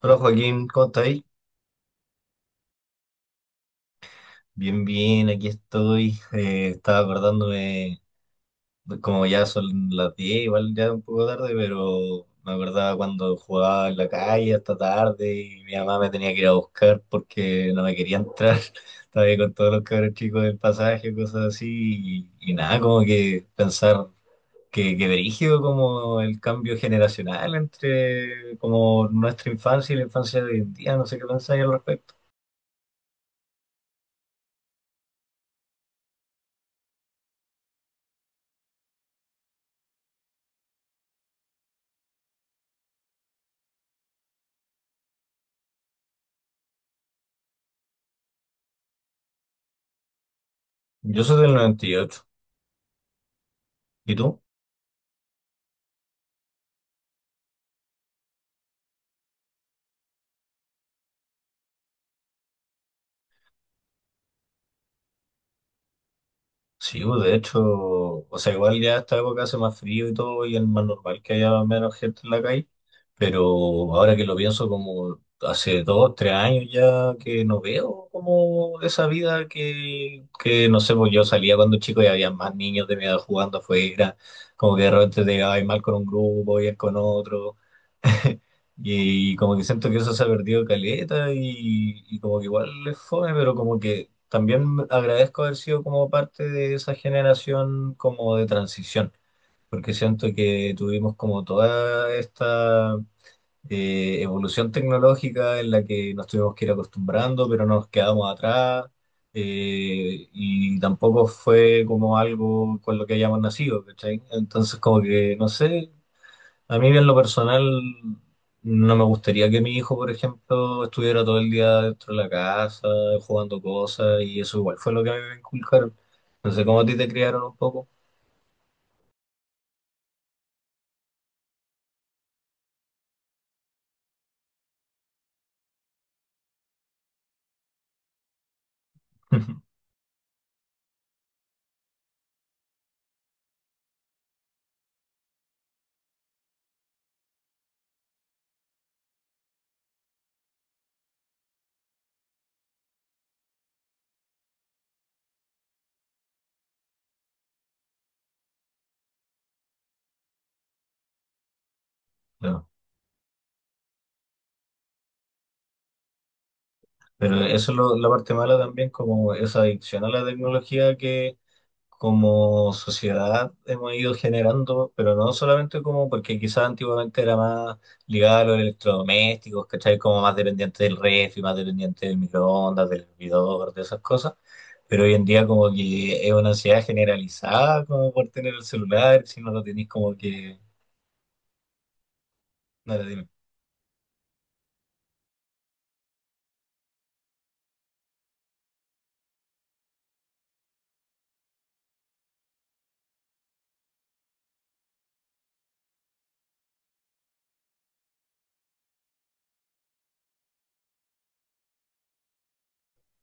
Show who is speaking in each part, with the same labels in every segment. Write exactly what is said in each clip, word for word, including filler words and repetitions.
Speaker 1: Hola Joaquín, ¿cómo estáis? Bien, bien, aquí estoy. Eh, estaba acordándome, de- como ya son las diez, igual ya un poco tarde, pero me acordaba cuando jugaba en la calle hasta tarde y mi mamá me tenía que ir a buscar porque no me quería entrar. Estaba ahí con todos los cabros chicos del pasaje, cosas así, y, y nada, como que pensar que, que brígido como el cambio generacional entre como nuestra infancia y la infancia de hoy en día, no sé qué pensáis al respecto. Yo soy del noventa y ocho. ¿Y tú? Sí, pues, de hecho, o sea, igual ya esta época hace más frío y todo, y es más normal que haya menos gente en la calle, pero ahora que lo pienso, como hace dos, tres años ya que no veo como esa vida que, que no sé, pues yo salía cuando chico y había más niños de mi edad jugando afuera, como que de repente te llevabas mal con un grupo y con otro. Y, y como que siento que eso se ha perdido caleta y, y como que igual es fome, pero como que también agradezco haber sido como parte de esa generación como de transición, porque siento que tuvimos como toda esta eh, evolución tecnológica en la que nos tuvimos que ir acostumbrando, pero no nos quedamos atrás eh, y tampoco fue como algo con lo que hayamos nacido, ¿cachai? Entonces como que, no sé, a mí en lo personal no me gustaría que mi hijo, por ejemplo, estuviera todo el día dentro de la casa jugando cosas y eso igual fue lo que a mí me inculcaron. No sé cómo a ti te criaron un poco. No. Pero eso es lo- la parte mala también, como esa adicción a la tecnología que como sociedad hemos ido generando, pero no solamente como, porque quizás antiguamente era más ligado a los electrodomésticos, ¿cachai? Como más dependiente del refri, más dependiente del microondas, del hervidor, de esas cosas. Pero hoy en día como que es una ansiedad generalizada como por tener el celular, si no lo tenés como que... No lo tenés,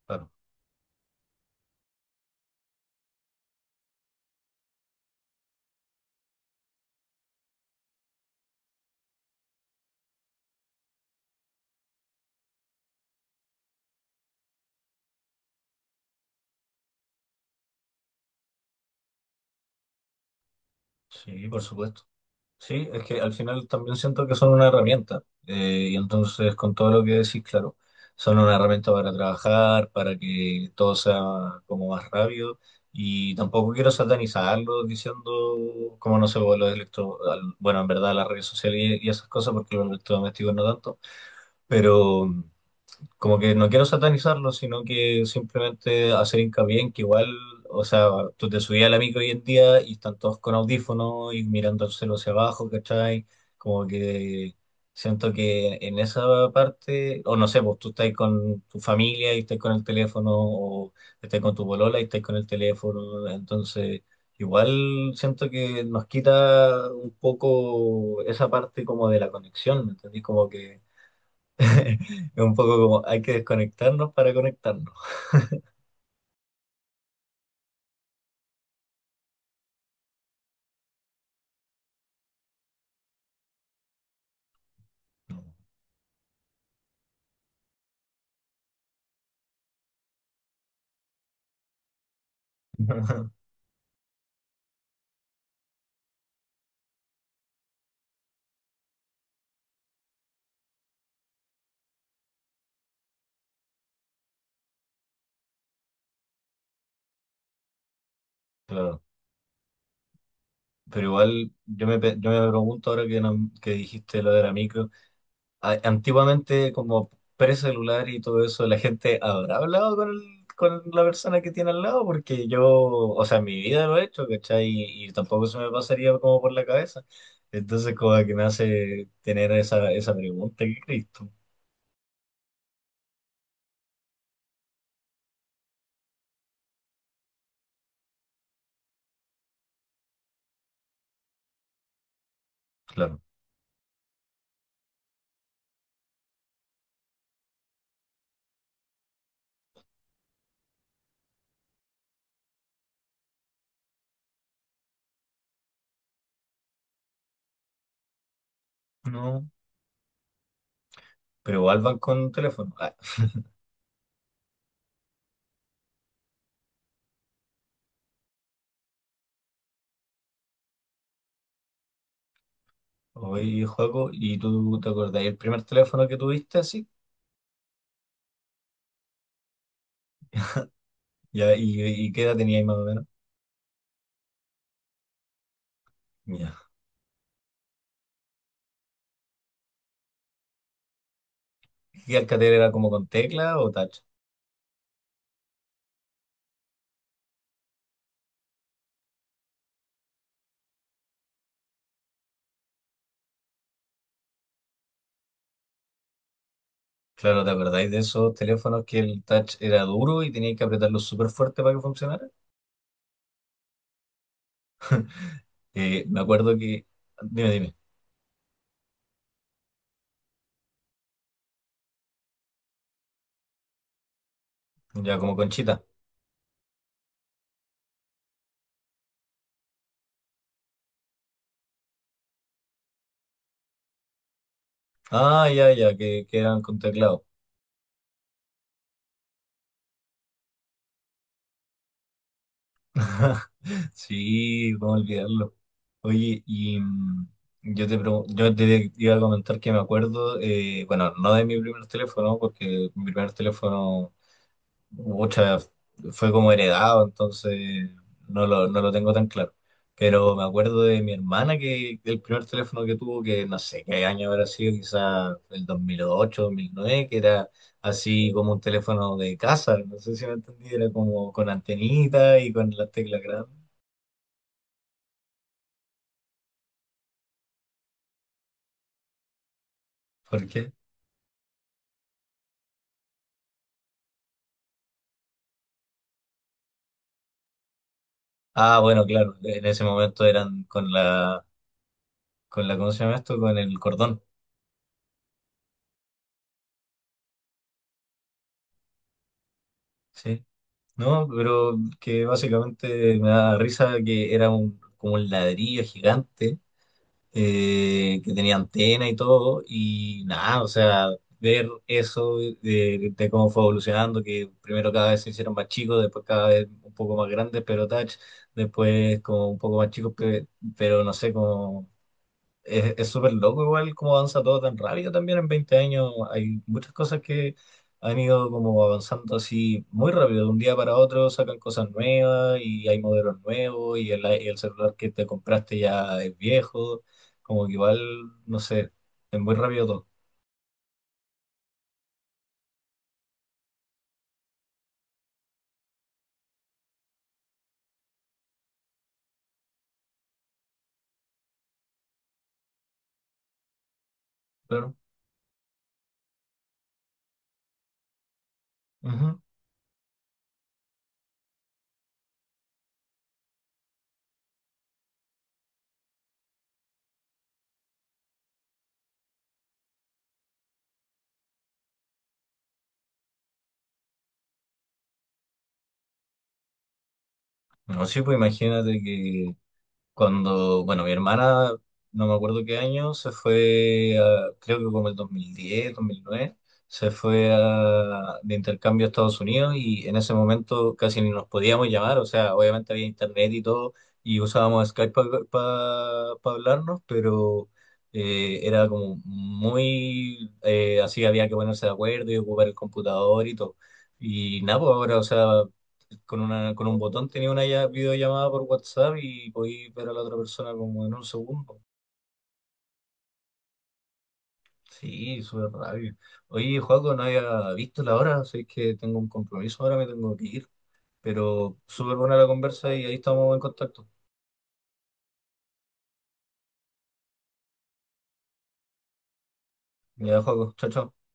Speaker 1: claro. Sí, por supuesto. Sí, es que al final también siento que son una herramienta. Eh, y entonces, con todo lo que decís, claro, son una herramienta para trabajar, para que todo sea como más rápido. Y tampoco quiero satanizarlo diciendo, como no sé, bueno, los electro, al- bueno, en verdad las redes sociales y, y esas cosas, porque los electrodomésticos no tanto. Pero como que no quiero satanizarlo, sino que simplemente hacer hincapié en que igual, o sea, tú te subías a la micro hoy en día y están todos con audífonos y mirando el cielo hacia abajo, ¿cachai? Como que siento que en esa parte, o no sé, pues tú estás con tu familia y estás con el teléfono, o estás con tu polola y estás con el teléfono, entonces... Igual siento que nos quita un poco esa parte como de la conexión, ¿me entendí? Como que es un poco como hay que desconectarnos para conectarnos. Claro. Pero igual yo me, pe- yo me pregunto ahora que, no- que dijiste lo de la micro. a- Antiguamente, como precelular y todo eso, ¿la gente habrá hablado con, el- con la persona que tiene al lado? Porque yo, o sea, en mi vida lo he hecho, ¿cachai? Y, y tampoco se me pasaría como por la cabeza. Entonces, como que me hace tener esa, esa pregunta, ¿qué crees tú? Claro. No. Pero igual van con teléfono. Ah. Oye, Joaco, ¿y tú te acordás el primer teléfono que tuviste así? Ya, ¿y, y qué edad tenías más o menos? Ya. ¿Y Alcatel era como con tecla o touch? Claro, ¿te acordáis de esos teléfonos que el touch era duro y tenías que apretarlo súper fuerte para que funcionara? Eh, me acuerdo que... Dime, dime. Ya, como conchita. Ah, ya, ya, que, que eran con teclado. Sí, cómo olvidarlo. Oye, y mm, yo te, pregun- yo te iba a comentar que me acuerdo, eh, bueno, no de mi primer teléfono, porque mi primer teléfono Mucha, fue como heredado, entonces no lo, no lo tengo tan claro. Pero me acuerdo de mi hermana que el primer teléfono que tuvo, que no sé qué año habrá sido, quizá el dos dos mil ocho, dos mil nueve, que era así como un teléfono de casa, no sé si me entendí, era como con antenita y con las teclas grandes. ¿Por qué? Ah, bueno, claro, en ese momento eran con la, con la, ¿cómo se llama esto? Con el cordón, sí. No, pero que básicamente me da risa que era un, como un ladrillo gigante eh, que tenía antena y todo, y nada, o sea, ver eso de, de cómo fue evolucionando, que primero cada vez se hicieron más chicos, después cada vez un poco más grandes, pero touch, después como un poco más chicos, pe- pero no sé, cómo es, es súper loco igual cómo avanza todo tan rápido también en veinte años. Hay muchas cosas que han ido como avanzando así muy rápido. De un día para otro sacan cosas nuevas y hay modelos nuevos y el, y el celular que te compraste ya es viejo. Como que igual, no sé, es muy rápido todo. Claro. Ujú. No, sí, pues imagínate que Cuando, bueno, mi hermana, no me acuerdo qué año, se fue, a- creo que como el dos dos mil diez dos mil nueve se fue a- de intercambio a Estados Unidos y en ese momento casi ni nos podíamos llamar, o sea, obviamente había internet y todo y usábamos Skype para hablarnos, pero eh, era como muy, eh, así había que ponerse de acuerdo y ocupar el computador y todo. Y nada, pues ahora, o sea, con una, con un botón tenía una ya- videollamada por WhatsApp y podía ver a la otra persona como en un segundo. Sí, súper rápido. Oye, Joaco, no había visto la hora, sé que tengo un compromiso ahora, me tengo que ir, pero súper buena la conversa y ahí estamos en contacto. Ya, Joaco, chao, chao.